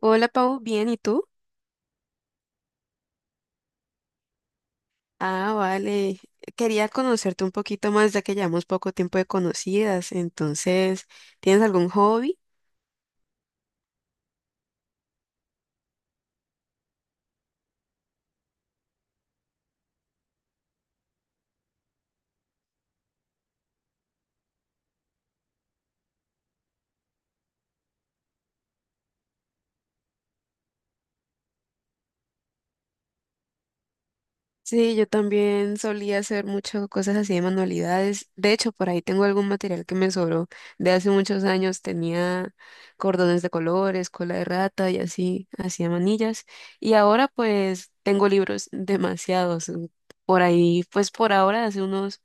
Hola Pau, bien, ¿y tú? Ah, vale. Quería conocerte un poquito más ya que llevamos poco tiempo de conocidas. Entonces, ¿tienes algún hobby? Sí, yo también solía hacer muchas cosas así de manualidades. De hecho, por ahí tengo algún material que me sobró de hace muchos años. Tenía cordones de colores, cola de rata y así, hacía manillas. Y ahora pues tengo libros demasiados. Por ahí, pues por ahora, hace unos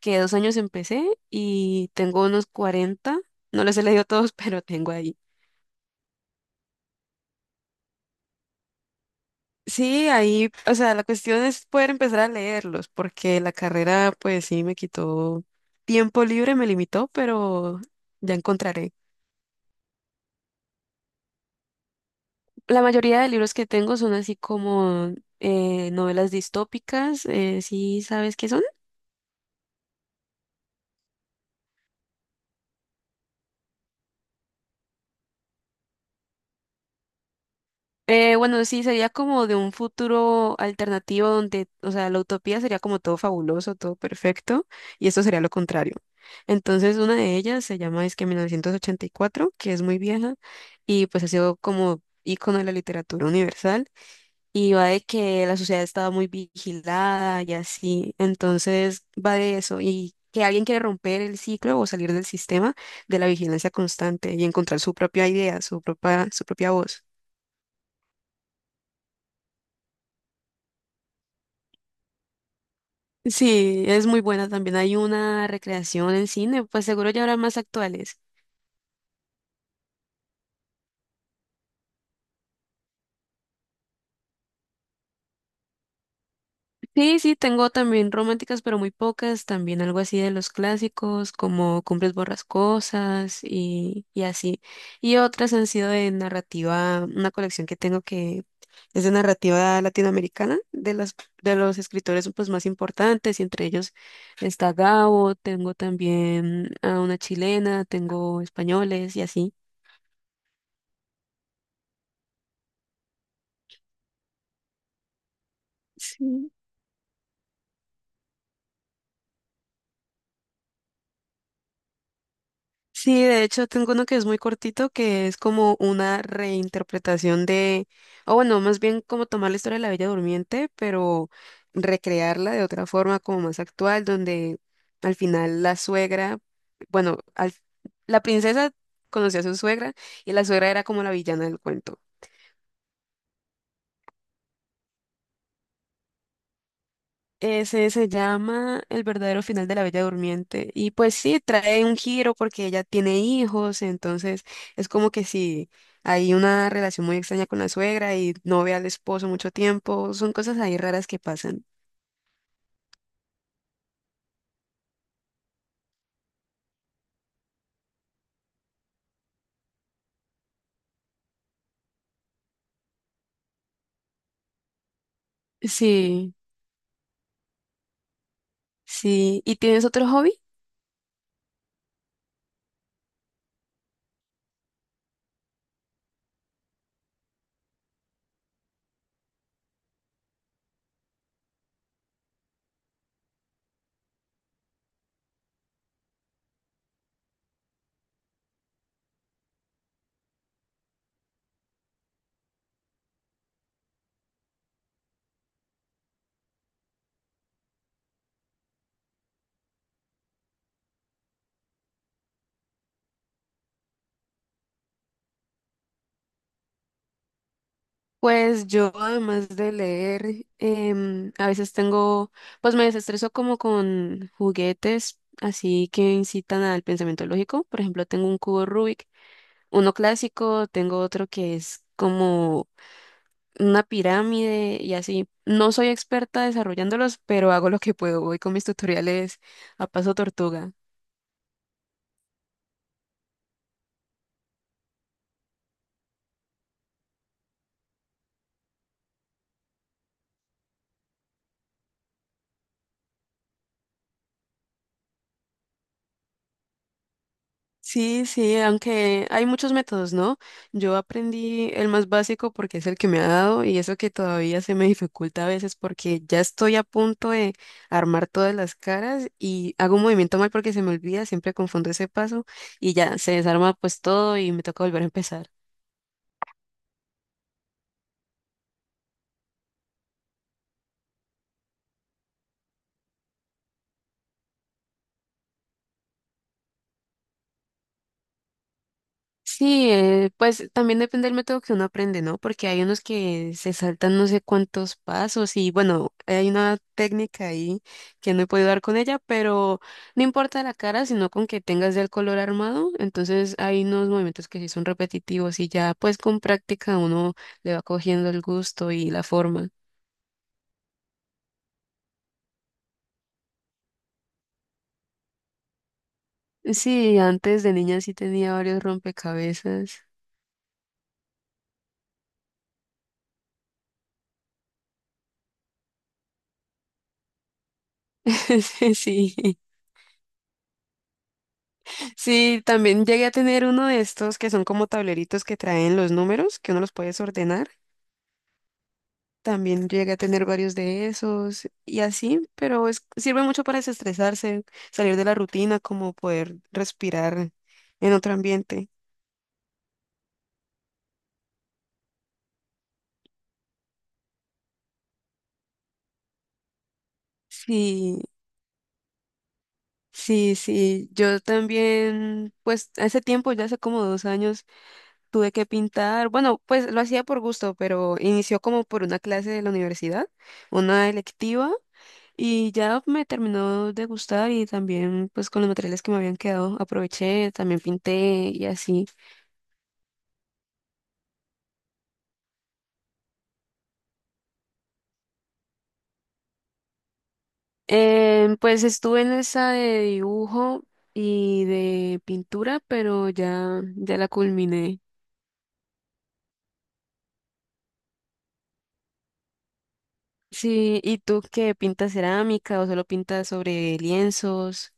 que 2 años empecé y tengo unos 40. No les he leído todos, pero tengo ahí. Sí, ahí, o sea, la cuestión es poder empezar a leerlos, porque la carrera, pues sí, me quitó tiempo libre, me limitó, pero ya encontraré. La mayoría de libros que tengo son así como novelas distópicas, ¿sí sabes qué son? Bueno, sí, sería como de un futuro alternativo donde, o sea, la utopía sería como todo fabuloso, todo perfecto, y esto sería lo contrario. Entonces, una de ellas se llama es que 1984, que es muy vieja, y pues ha sido como ícono de la literatura universal, y va de que la sociedad estaba muy vigilada y así, entonces va de eso, y que alguien quiere romper el ciclo o salir del sistema de la vigilancia constante y encontrar su propia idea, su propia voz. Sí, es muy buena también. Hay una recreación en cine, pues seguro ya habrá más actuales. Sí, sí, tengo también románticas, pero muy pocas. También algo así de los clásicos, como Cumbres Borrascosas y así. Y otras han sido de narrativa, una colección que tengo que es de narrativa latinoamericana, de los escritores pues, más importantes, y entre ellos está Gabo, tengo también a una chilena, tengo españoles y así. Sí. Sí, de hecho tengo uno que es muy cortito, que es como una reinterpretación o bueno, más bien como tomar la historia de la Bella Durmiente, pero recrearla de otra forma como más actual, donde al final la suegra, bueno, la princesa conocía a su suegra y la suegra era como la villana del cuento. Ese se llama El verdadero final de la Bella Durmiente. Y pues sí, trae un giro porque ella tiene hijos, entonces es como que si hay una relación muy extraña con la suegra y no ve al esposo mucho tiempo, son cosas ahí raras que pasan. Sí, sí. ¿Y tienes otro hobby? Pues yo además de leer, a veces pues me desestreso como con juguetes, así que incitan al pensamiento lógico. Por ejemplo, tengo un cubo Rubik uno clásico, tengo otro que es como una pirámide y así. No soy experta desarrollándolos, pero hago lo que puedo. Voy con mis tutoriales a paso tortuga. Sí, sí, aunque hay muchos métodos, ¿no? Yo aprendí el más básico porque es el que me ha dado y eso que todavía se me dificulta a veces porque ya estoy a punto de armar todas las caras y hago un movimiento mal porque se me olvida, siempre confundo ese paso y ya se desarma pues todo y me toca volver a empezar. Sí, pues también depende del método que uno aprende, ¿no? Porque hay unos que se saltan no sé cuántos pasos y bueno, hay una técnica ahí que no he podido dar con ella, pero no importa la cara, sino con que tengas ya el color armado, entonces hay unos movimientos que sí son repetitivos y ya pues con práctica uno le va cogiendo el gusto y la forma. Sí, antes de niña sí tenía varios rompecabezas. Sí, sí. Sí, también llegué a tener uno de estos que son como tableritos que traen los números, que uno los puedes ordenar. También llegué a tener varios de esos y así, pero sirve mucho para desestresarse, salir de la rutina, como poder respirar en otro ambiente. Sí, sí, sí. Yo también, pues hace tiempo, ya hace como 2 años, tuve que pintar. Bueno, pues lo hacía por gusto, pero inició como por una clase de la universidad, una electiva. Y ya me terminó de gustar y también pues con los materiales que me habían quedado aproveché, también pinté y así. Pues estuve en esa de dibujo y de pintura, pero ya, ya la culminé. Sí, ¿y tú qué pintas cerámica o solo pintas sobre lienzos?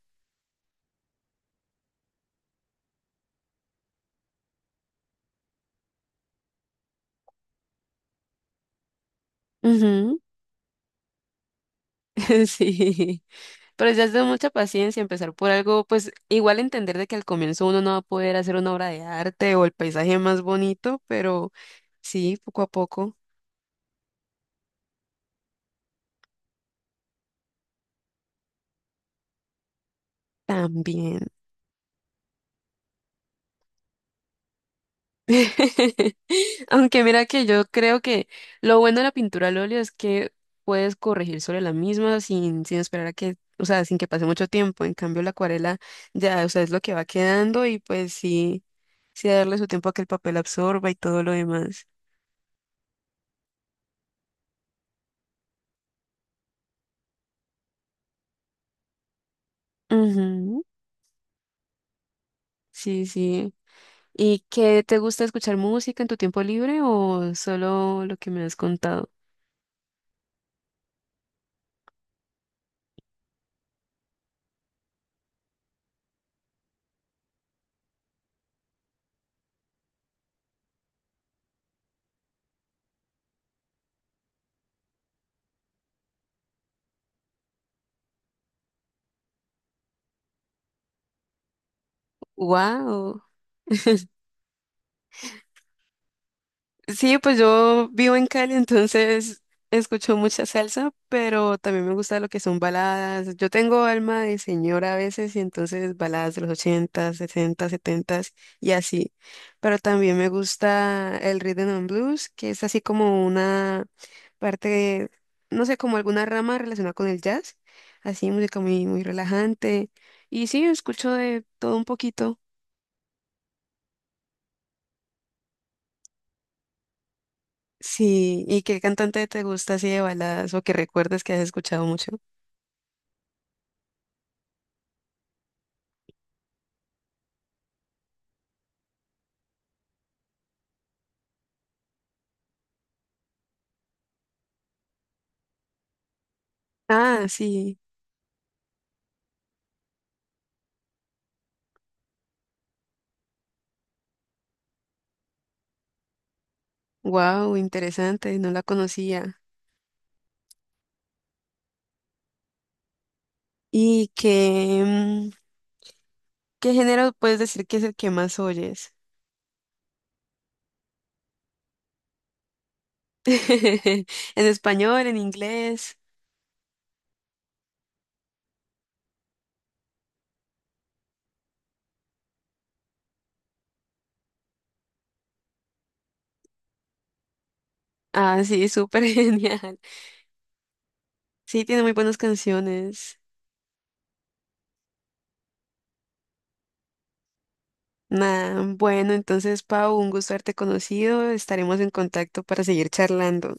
Sí, pero ya es de mucha paciencia empezar por algo, pues igual entender de que al comienzo uno no va a poder hacer una obra de arte o el paisaje más bonito, pero sí, poco a poco también. Aunque mira que yo creo que lo bueno de la pintura al óleo es que puedes corregir sobre la misma sin esperar a que, o sea, sin que pase mucho tiempo. En cambio, la acuarela ya, o sea, es lo que va quedando y pues sí, sí darle su tiempo a que el papel absorba y todo lo demás. Ujú. Sí, sí. ¿Y qué te gusta escuchar música en tu tiempo libre o solo lo que me has contado? ¡Wow! Sí, pues yo vivo en Cali, entonces escucho mucha salsa, pero también me gusta lo que son baladas. Yo tengo alma de señora a veces, y entonces baladas de los 80, 60, 70 y así. Pero también me gusta el rhythm and blues, que es así como una parte, no sé, como alguna rama relacionada con el jazz. Así, música muy, muy relajante. Y sí, escucho de todo un poquito. Sí, ¿y qué cantante te gusta así de baladas o que recuerdes que has escuchado mucho? Ah, sí, wow, interesante, no la conocía. ¿Y qué, qué género puedes decir que es el que más oyes? ¿En español, en inglés? Ah, sí, súper genial. Sí, tiene muy buenas canciones. Nah, bueno, entonces, Pau, un gusto haberte conocido. Estaremos en contacto para seguir charlando.